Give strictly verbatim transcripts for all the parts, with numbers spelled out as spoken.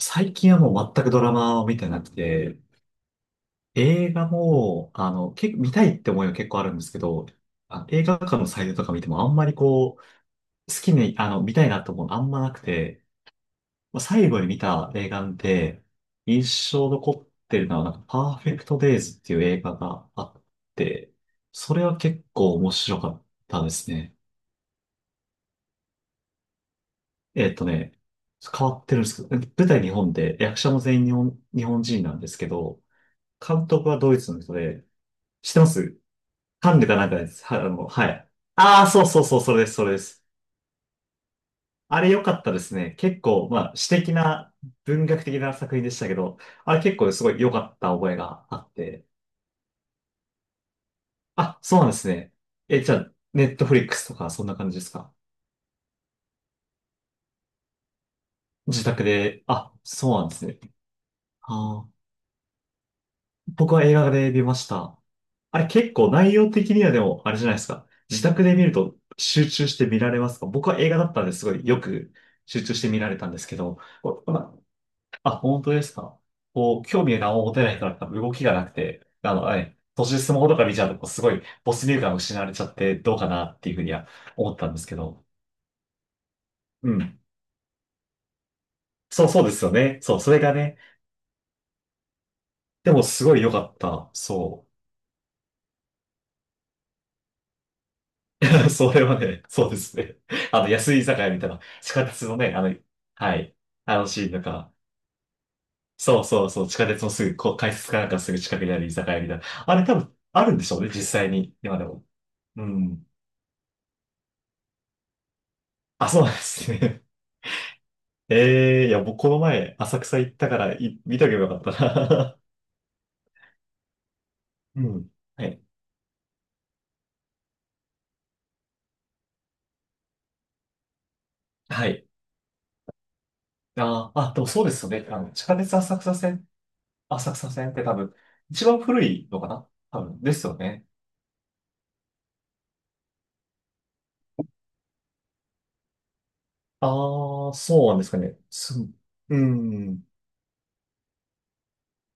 最近はもう全くドラマを見てなくて、映画も、あの、け見たいって思いは結構あるんですけど、あ、映画館のサイトとか見てもあんまりこう、好きに、あの、見たいなと思うのあんまなくて、まあ最後に見た映画で、印象残ってるのは、なんか、パーフェクトデイズっていう映画があって、それは結構面白かったですね。えっとね、変わってるんですけど、舞台日本で、役者も全員日本、日本人なんですけど、監督はドイツの人で、知ってます？カンヌかなんかです。は、あの、はい。ああ、そうそうそう、それです、それです。あれ良かったですね。結構、まあ、詩的な、文学的な作品でしたけど、あれ結構すごい良かった覚えがあって。あ、そうなんですね。え、じゃあ、ネットフリックスとか、そんな感じですか？自宅で、あ、そうなんですね。あー僕は映画で見ました。あれ結構内容的にはでも、あれじゃないですか。自宅で見ると集中して見られますか？僕は映画だったんですごいよく集中して見られたんですけど、こうまあ、本当ですか？こう、興味が何も持てない人だったら動きがなくて、あの、ええ途中でスマホとか見ちゃうと、こうすごい没入感を失われちゃってどうかなっていうふうには思ったんですけど。うん。そうそうですよね。そう、それがね、でもすごい良かった。そう。それはね、そうですね。あの、安い居酒屋みたいな、地下鉄のね、あの、はい、あのシーンとか、そうそうそう、地下鉄のすぐ、こう、改札かなんかすぐ近くにある居酒屋みたいな。あれ多分、あるんでしょうね、実際に、今でも。うん。あ、そうなんですね。ええいや、僕この前、浅草行ったから、い、見とけばよかったな。うん。はい。はい。あー、あ、でもそうですよね。あの、地下鉄浅草線、浅草線って多分、一番古いのかな多分、ですよね。ああ、そうなんですかね。す、うん。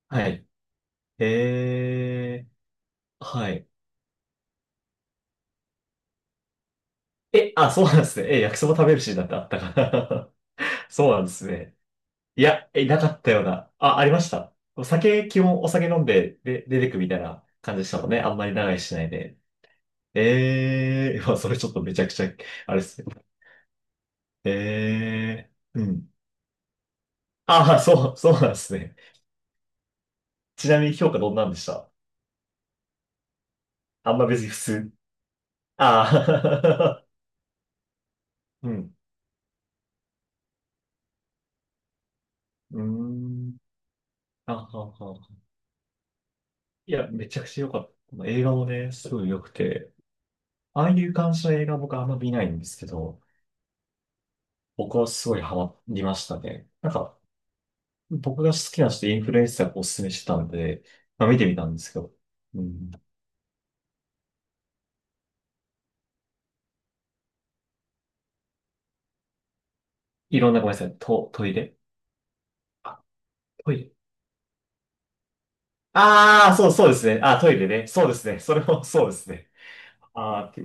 はい。ええ、はい。え、あ、そうなんですね。え、焼きそば食べるシーンなんてあったかな？ そうなんですね。いや、え、なかったような。あ、ありました。お酒、基本お酒飲んで、で、出てくみたいな感じでしたもんね。あんまり長いしないで。ええ、まあ、それちょっとめちゃくちゃ、あれですね。ええ、うん。ああ、そう、そうなんですね。ちなみに評価どんなんでした？あんま別に普通。ああ、うん。うーん。あはは。いや、めちゃくちゃ良かった。この映画もね、すごい良くて、ああいう感じの映画僕あんま見ないんですけど、僕はすごいハマりましたね。なんか、僕が好きな人、インフルエンサーがおすすめしてたんで、まあ、見てみたんですけど、うん。いろんな、ごめんなさい、ト、トイレ？あ、トイレ？ああー、そう、そうですね。あ、トイレね。そうですね。それもそうですね。ああ、て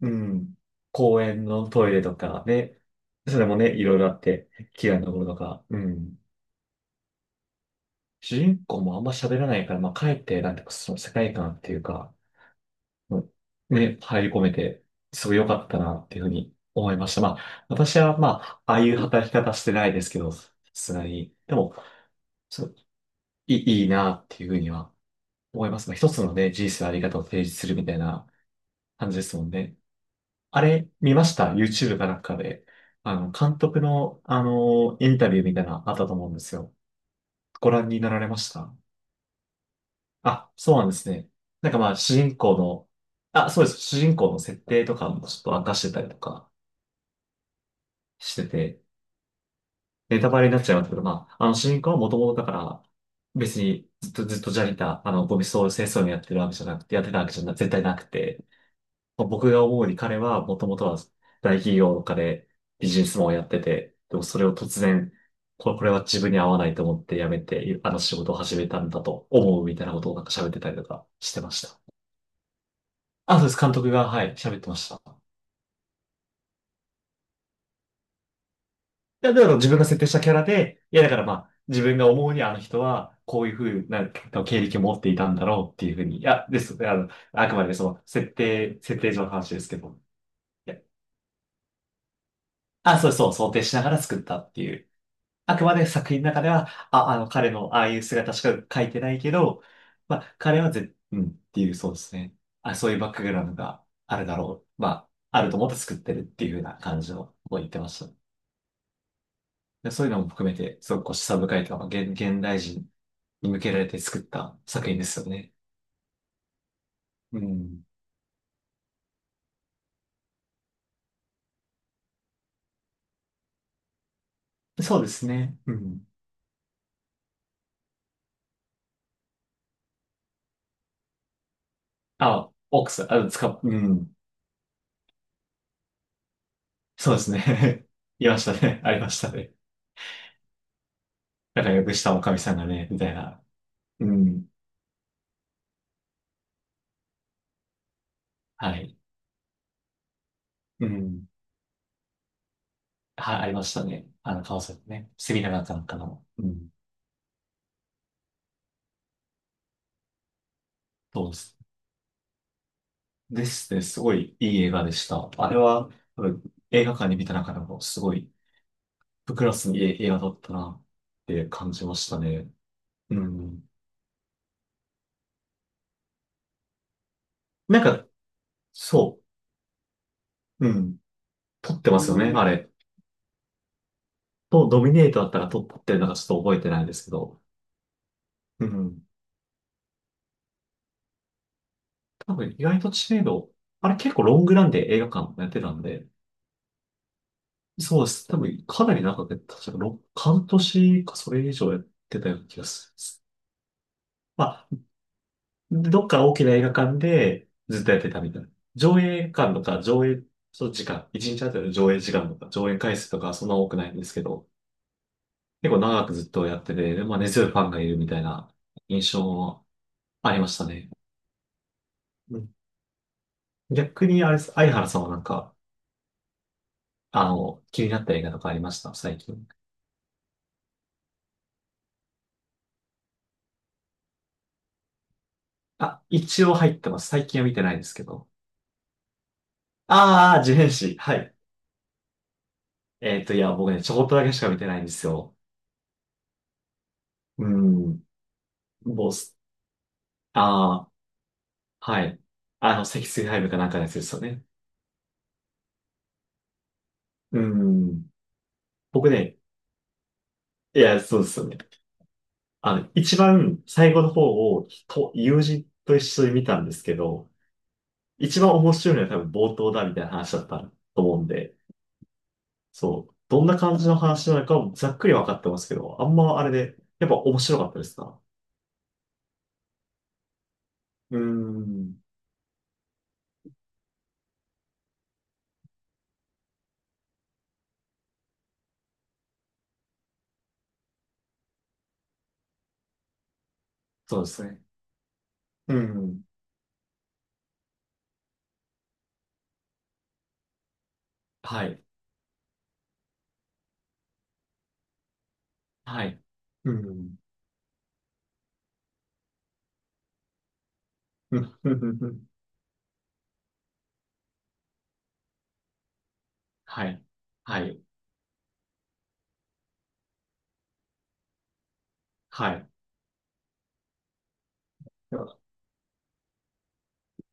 うん。公園のトイレとかね、それもね、いろいろあって、嫌いなところとか、うん。主人公もあんま喋らないから、まあ、かえって、なんていうか、その世界観っていうか、うんね、入り込めて、すごい良かったな、っていうふうに思いました。まあ、私は、まあ、ああいう働き方してないですけど、さすがに。でも、そういい、いいな、っていうふうには思います。まあ、一つのね、人生のあり方を提示するみたいな感じですもんね。あれ、見ました ?YouTube かなんかで。あの、監督の、あの、インタビューみたいなのあったと思うんですよ。ご覧になられました？あ、そうなんですね。なんかまあ、主人公の、あ、そうです。主人公の設定とかもちょっと明かしてたりとかしてて、ネタバレになっちゃいますけど、まあ、あの主人公はもともとだから、別にずっとずっとジャニター、あの、ゴミ掃除清掃にやってるわけじゃなくて、やってたわけじゃな、絶対なくて、まあ僕が思うに彼はもともとは大企業とかでビジネスマンをやってて、でもそれを突然、これ、これは自分に合わないと思って辞めて、あの仕事を始めたんだと思うみたいなことをなんか喋ってたりとかしてました。あ、そうです。監督が、はい、喋ってました。いやだから自分が設定したキャラで、いや、だからまあ、自分が思うにあの人は、こういうふうな経歴を持っていたんだろうっていうふうに、いや、です。あの、あくまでねその、設定、設定上の話ですけど。いやあ、そうそう、想定しながら作ったっていう。あくまで作品の中では、あ、あの、彼のああいう姿しか描いてないけど、まあ、彼はぜ、うんっていう、そうですね。あ、そういうバックグラウンドがあるだろう。まあ、あると思って作ってるっていうような感じのことを言ってました。でそういうのも含めて、すごくこう示唆深いというか、現、現代人に向けられて作った作品ですよね。うん。そうですね。うん。あ、オークス、あ、つか、うん。そうですね。いましたね。ありましたね。なんかよくしたおかみさんがね、みたいな。うん。はい。うん。はい、ありましたね。あの、川崎ね。セミナーだったのかな。うん。そうです。ですね。すごいいい映画でした。あれは、多分映画館に見た中でも、すごい、ブクラスにいい映画だったなって感じましたね。うん。なんか、そう。うん。撮ってますよね、あれ。と、ドミネートだったら撮ってるのかちょっと覚えてないですけど。うん。多分意外と知名度、あれ結構ロングランで映画館やってたんで、そうです。多分かなり長く、確かろ半年かそれ以上やってたような気がする。まあ、どっか大きな映画館でずっとやってたみたいな。上映館とか上映、その時間、いちにちあたりの上映時間とか上映回数とかそんな多くないんですけど、結構長くずっとやってて、でまあ、根強いファンがいるみたいな印象もありましたね。うん。逆にあれです、相原さんはなんか、あの、気になった映画とかありました最近？あ、一応入ってます。最近は見てないですけど。ああ、自変誌。はい。えっと、いや、僕ね、ちょこっとだけしか見てないんですよ。うん。ボス。ああ、はい。あの、積水ハイブかなんかのやつですよね。うん。僕ね、いや、そうですよね。あの、一番最後の方をと友人と一緒に見たんですけど、一番面白いのは多分冒頭だみたいな話だったと思うんで、そう、どんな感じの話なのかもざっくり分かってますけど、あんまあれで、やっぱ面白かったですか？うーん。そうですね。うん。はい。はい。うん。うん。うん。うん。はい。はい。はい。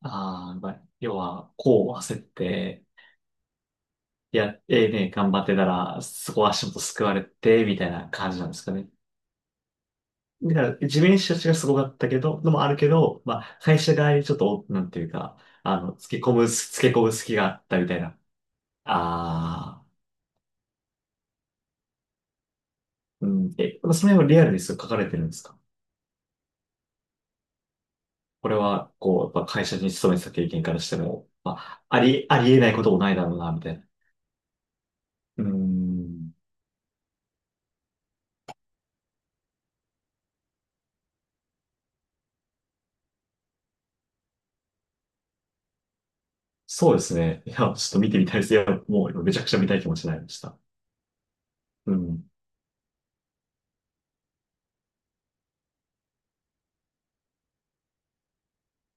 ああ、まあ、要は、こう焦って、いや、ええね、頑張ってたら、そこは足元救われて、みたいな感じなんですかね。だから、地面師たちがすごかったけど、のもあるけど、まあ、会社側にちょっと、なんていうか、あの、つけ込む、つけ込む隙があったみたいな。ああ、うん。え、その辺はリアルにそう書かれてるんですか？これは、こう、やっぱ会社に勤めてた経験からしても、まあ、あり、ありえないこともないだろうな、みたいな。うーん。そうですね。いや、ちょっと見てみたいです。いや、もうめちゃくちゃ見たい気持ちになりました。うん。